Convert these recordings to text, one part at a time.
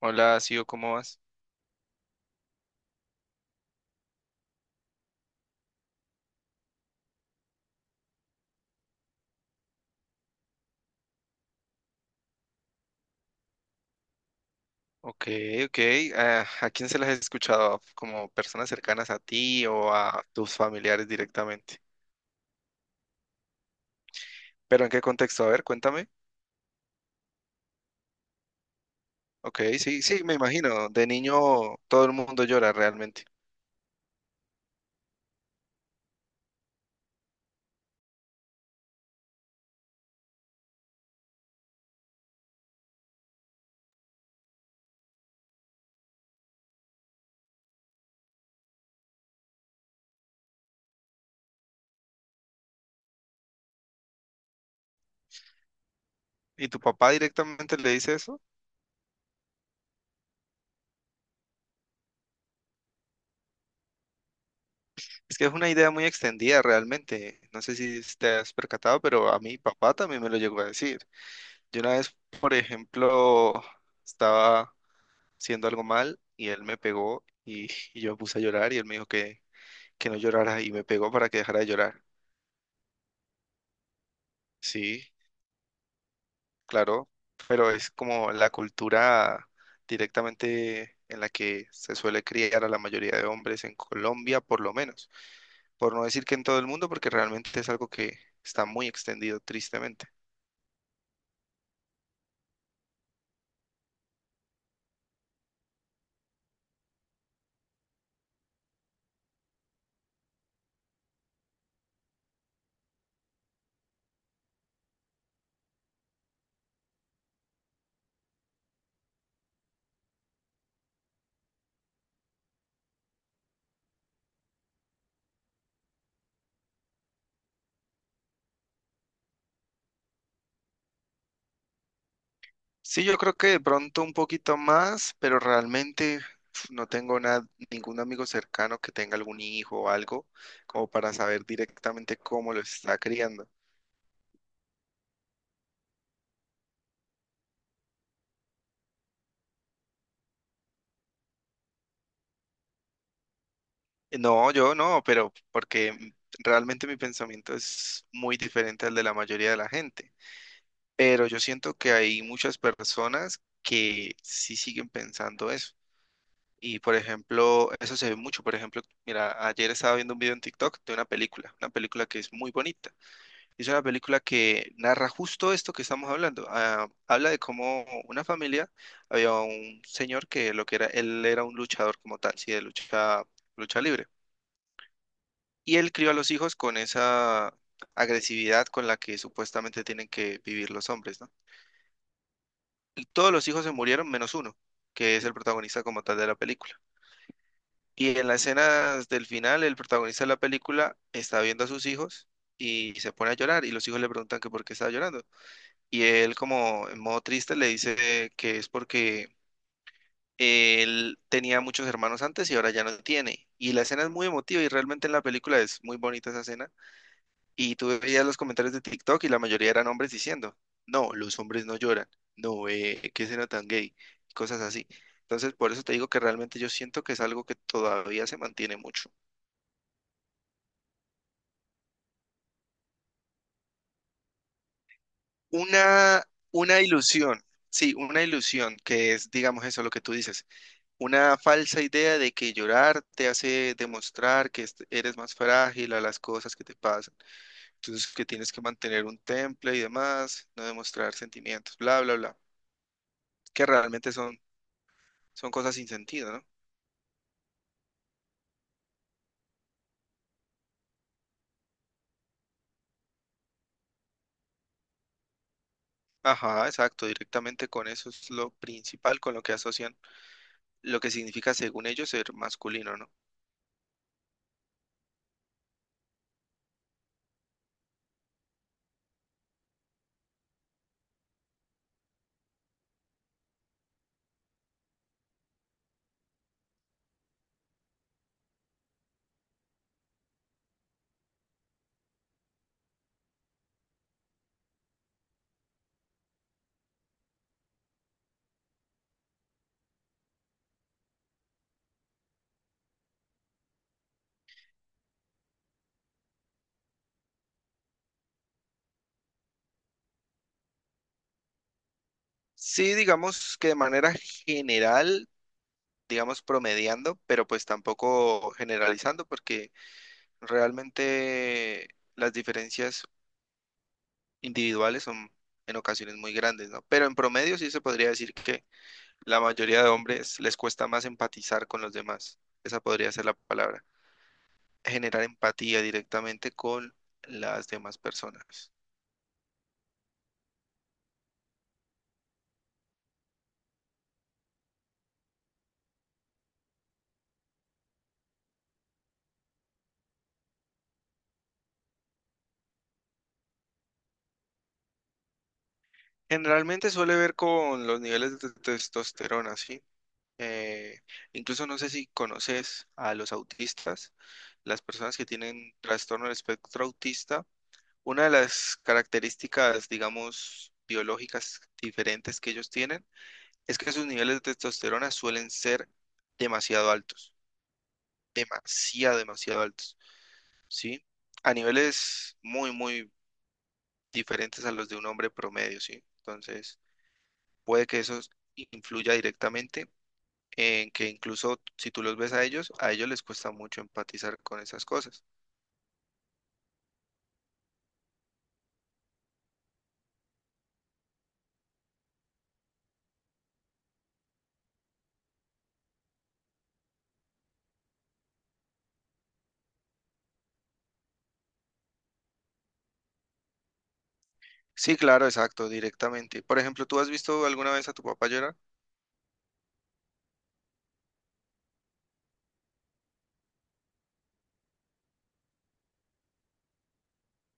Hola, Sio, ¿cómo vas? Ok, ok. ¿A quién se las has escuchado? ¿Como personas cercanas a ti o a tus familiares directamente? ¿Pero en qué contexto? A ver, cuéntame. Ok, sí, sí, me imagino. De niño todo el mundo llora realmente. ¿Y tu papá directamente le dice eso? Es que es una idea muy extendida realmente. No sé si te has percatado, pero a mi papá también me lo llegó a decir. Yo una vez, por ejemplo, estaba haciendo algo mal y él me pegó y yo me puse a llorar y él me dijo que no llorara y me pegó para que dejara de llorar. Sí, claro, pero es como la cultura directamente en la que se suele criar a la mayoría de hombres en Colombia, por lo menos. Por no decir que en todo el mundo, porque realmente es algo que está muy extendido, tristemente. Sí, yo creo que de pronto un poquito más, pero realmente uf, no tengo nada, ningún amigo cercano que tenga algún hijo o algo como para saber directamente cómo lo está criando. No, yo no, pero porque realmente mi pensamiento es muy diferente al de la mayoría de la gente. Pero yo siento que hay muchas personas que sí siguen pensando eso. Y por ejemplo, eso se ve mucho. Por ejemplo, mira, ayer estaba viendo un video en TikTok de una película que es muy bonita. Es una película que narra justo esto que estamos hablando. Ah, habla de cómo una familia, había un señor que lo que era, él era un luchador como tal, sí, de lucha, lucha libre. Y él crió a los hijos con esa agresividad con la que supuestamente tienen que vivir los hombres, ¿no? Y todos los hijos se murieron menos uno, que es el protagonista como tal de la película. Y en las escenas del final, el protagonista de la película está viendo a sus hijos y se pone a llorar y los hijos le preguntan que por qué estaba llorando. Y él como en modo triste le dice que es porque él tenía muchos hermanos antes y ahora ya no tiene. Y la escena es muy emotiva y realmente en la película es muy bonita esa escena. Y tú veías los comentarios de TikTok y la mayoría eran hombres diciendo, no, los hombres no lloran, no, qué escena tan gay, y cosas así. Entonces, por eso te digo que realmente yo siento que es algo que todavía se mantiene mucho. Una, una ilusión, sí, una ilusión que es, digamos eso, lo que tú dices, una falsa idea de que llorar te hace demostrar que eres más frágil a las cosas que te pasan. Entonces, que tienes que mantener un temple y demás, no demostrar sentimientos, bla, bla, bla, que realmente son. Son cosas sin sentido, ¿no? Ajá, exacto, directamente con eso es lo principal con lo que asocian lo que significa según ellos ser masculino, ¿no? Sí, digamos que de manera general, digamos promediando, pero pues tampoco generalizando porque realmente las diferencias individuales son en ocasiones muy grandes, ¿no? Pero en promedio sí se podría decir que la mayoría de hombres les cuesta más empatizar con los demás. Esa podría ser la palabra. Generar empatía directamente con las demás personas. Generalmente suele ver con los niveles de testosterona, ¿sí? Eh, incluso no sé si conoces a los autistas, las personas que tienen trastorno del espectro autista. Una de las características, digamos, biológicas diferentes que ellos tienen es que sus niveles de testosterona suelen ser demasiado altos, demasiado, demasiado altos, ¿sí? A niveles muy, muy diferentes a los de un hombre promedio, ¿sí? Entonces, puede que eso influya directamente en que incluso si tú los ves a ellos les cuesta mucho empatizar con esas cosas. Sí, claro, exacto, directamente. Por ejemplo, ¿tú has visto alguna vez a tu papá llorar?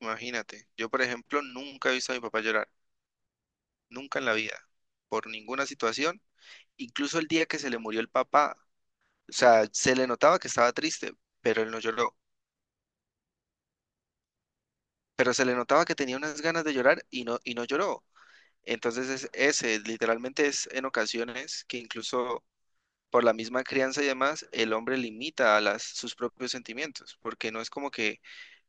Imagínate, yo por ejemplo nunca he visto a mi papá llorar, nunca en la vida, por ninguna situación. Incluso el día que se le murió el papá, o sea, se le notaba que estaba triste, pero él no lloró. Pero se le notaba que tenía unas ganas de llorar y no lloró. Entonces es ese, literalmente es en ocasiones que incluso por la misma crianza y demás, el hombre limita a las, sus propios sentimientos, porque no es como que,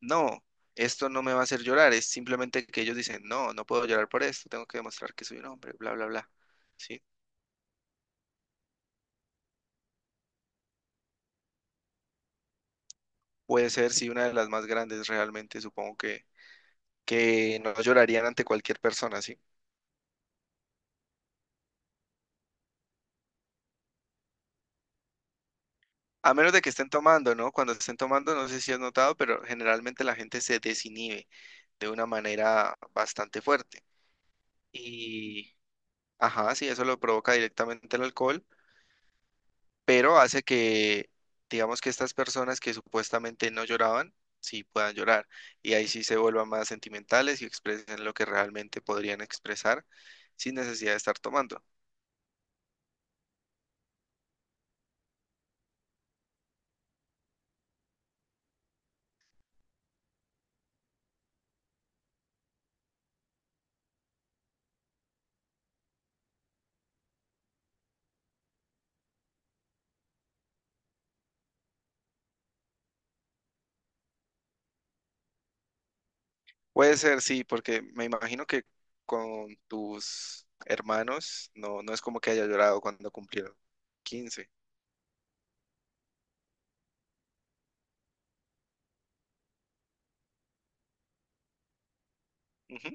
no, esto no me va a hacer llorar, es simplemente que ellos dicen, no, no puedo llorar por esto, tengo que demostrar que soy un hombre, bla, bla, bla. ¿Sí? Puede ser, sí, una de las más grandes realmente, supongo que no llorarían ante cualquier persona, ¿sí? A menos de que estén tomando, ¿no? Cuando estén tomando, no sé si has notado, pero generalmente la gente se desinhibe de una manera bastante fuerte. Y, ajá, sí, eso lo provoca directamente el alcohol, pero hace digamos que estas personas que supuestamente no lloraban, sí puedan llorar. Y ahí sí se vuelvan más sentimentales y expresen lo que realmente podrían expresar sin necesidad de estar tomando. Puede ser, sí, porque me imagino que con tus hermanos no, no es como que haya llorado cuando cumplieron 15. Ujú.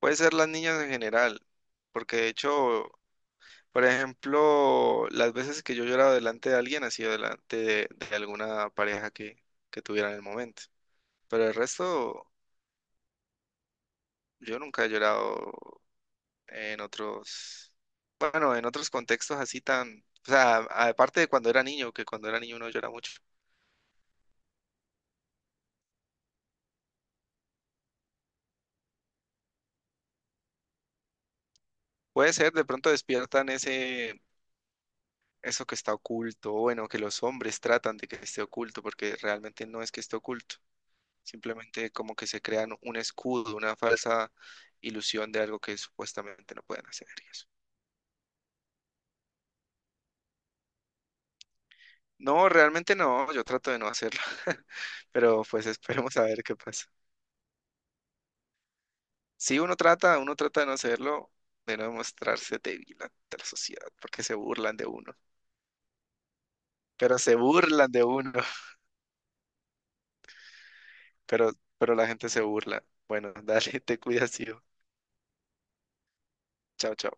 Puede ser las niñas en general, porque de hecho, por ejemplo, las veces que yo he llorado delante de alguien ha sido delante de alguna pareja que tuviera en el momento. Pero el resto, yo nunca he llorado en otros, bueno, en otros contextos así tan, o sea, aparte de cuando era niño, que cuando era niño uno llora mucho. Puede ser, de pronto despiertan ese, eso que está oculto, o bueno, que los hombres tratan de que esté oculto, porque realmente no es que esté oculto, simplemente como que se crean un escudo, una falsa ilusión de algo que supuestamente no pueden hacer y eso. No, realmente no, yo trato de no hacerlo, pero pues esperemos a ver qué pasa. Si uno trata, uno trata de no hacerlo, de no mostrarse débil ante la sociedad, porque se burlan de uno, pero se burlan de uno. pero, pero la gente se burla. Bueno, dale, te cuidas, tío. Chao, chao.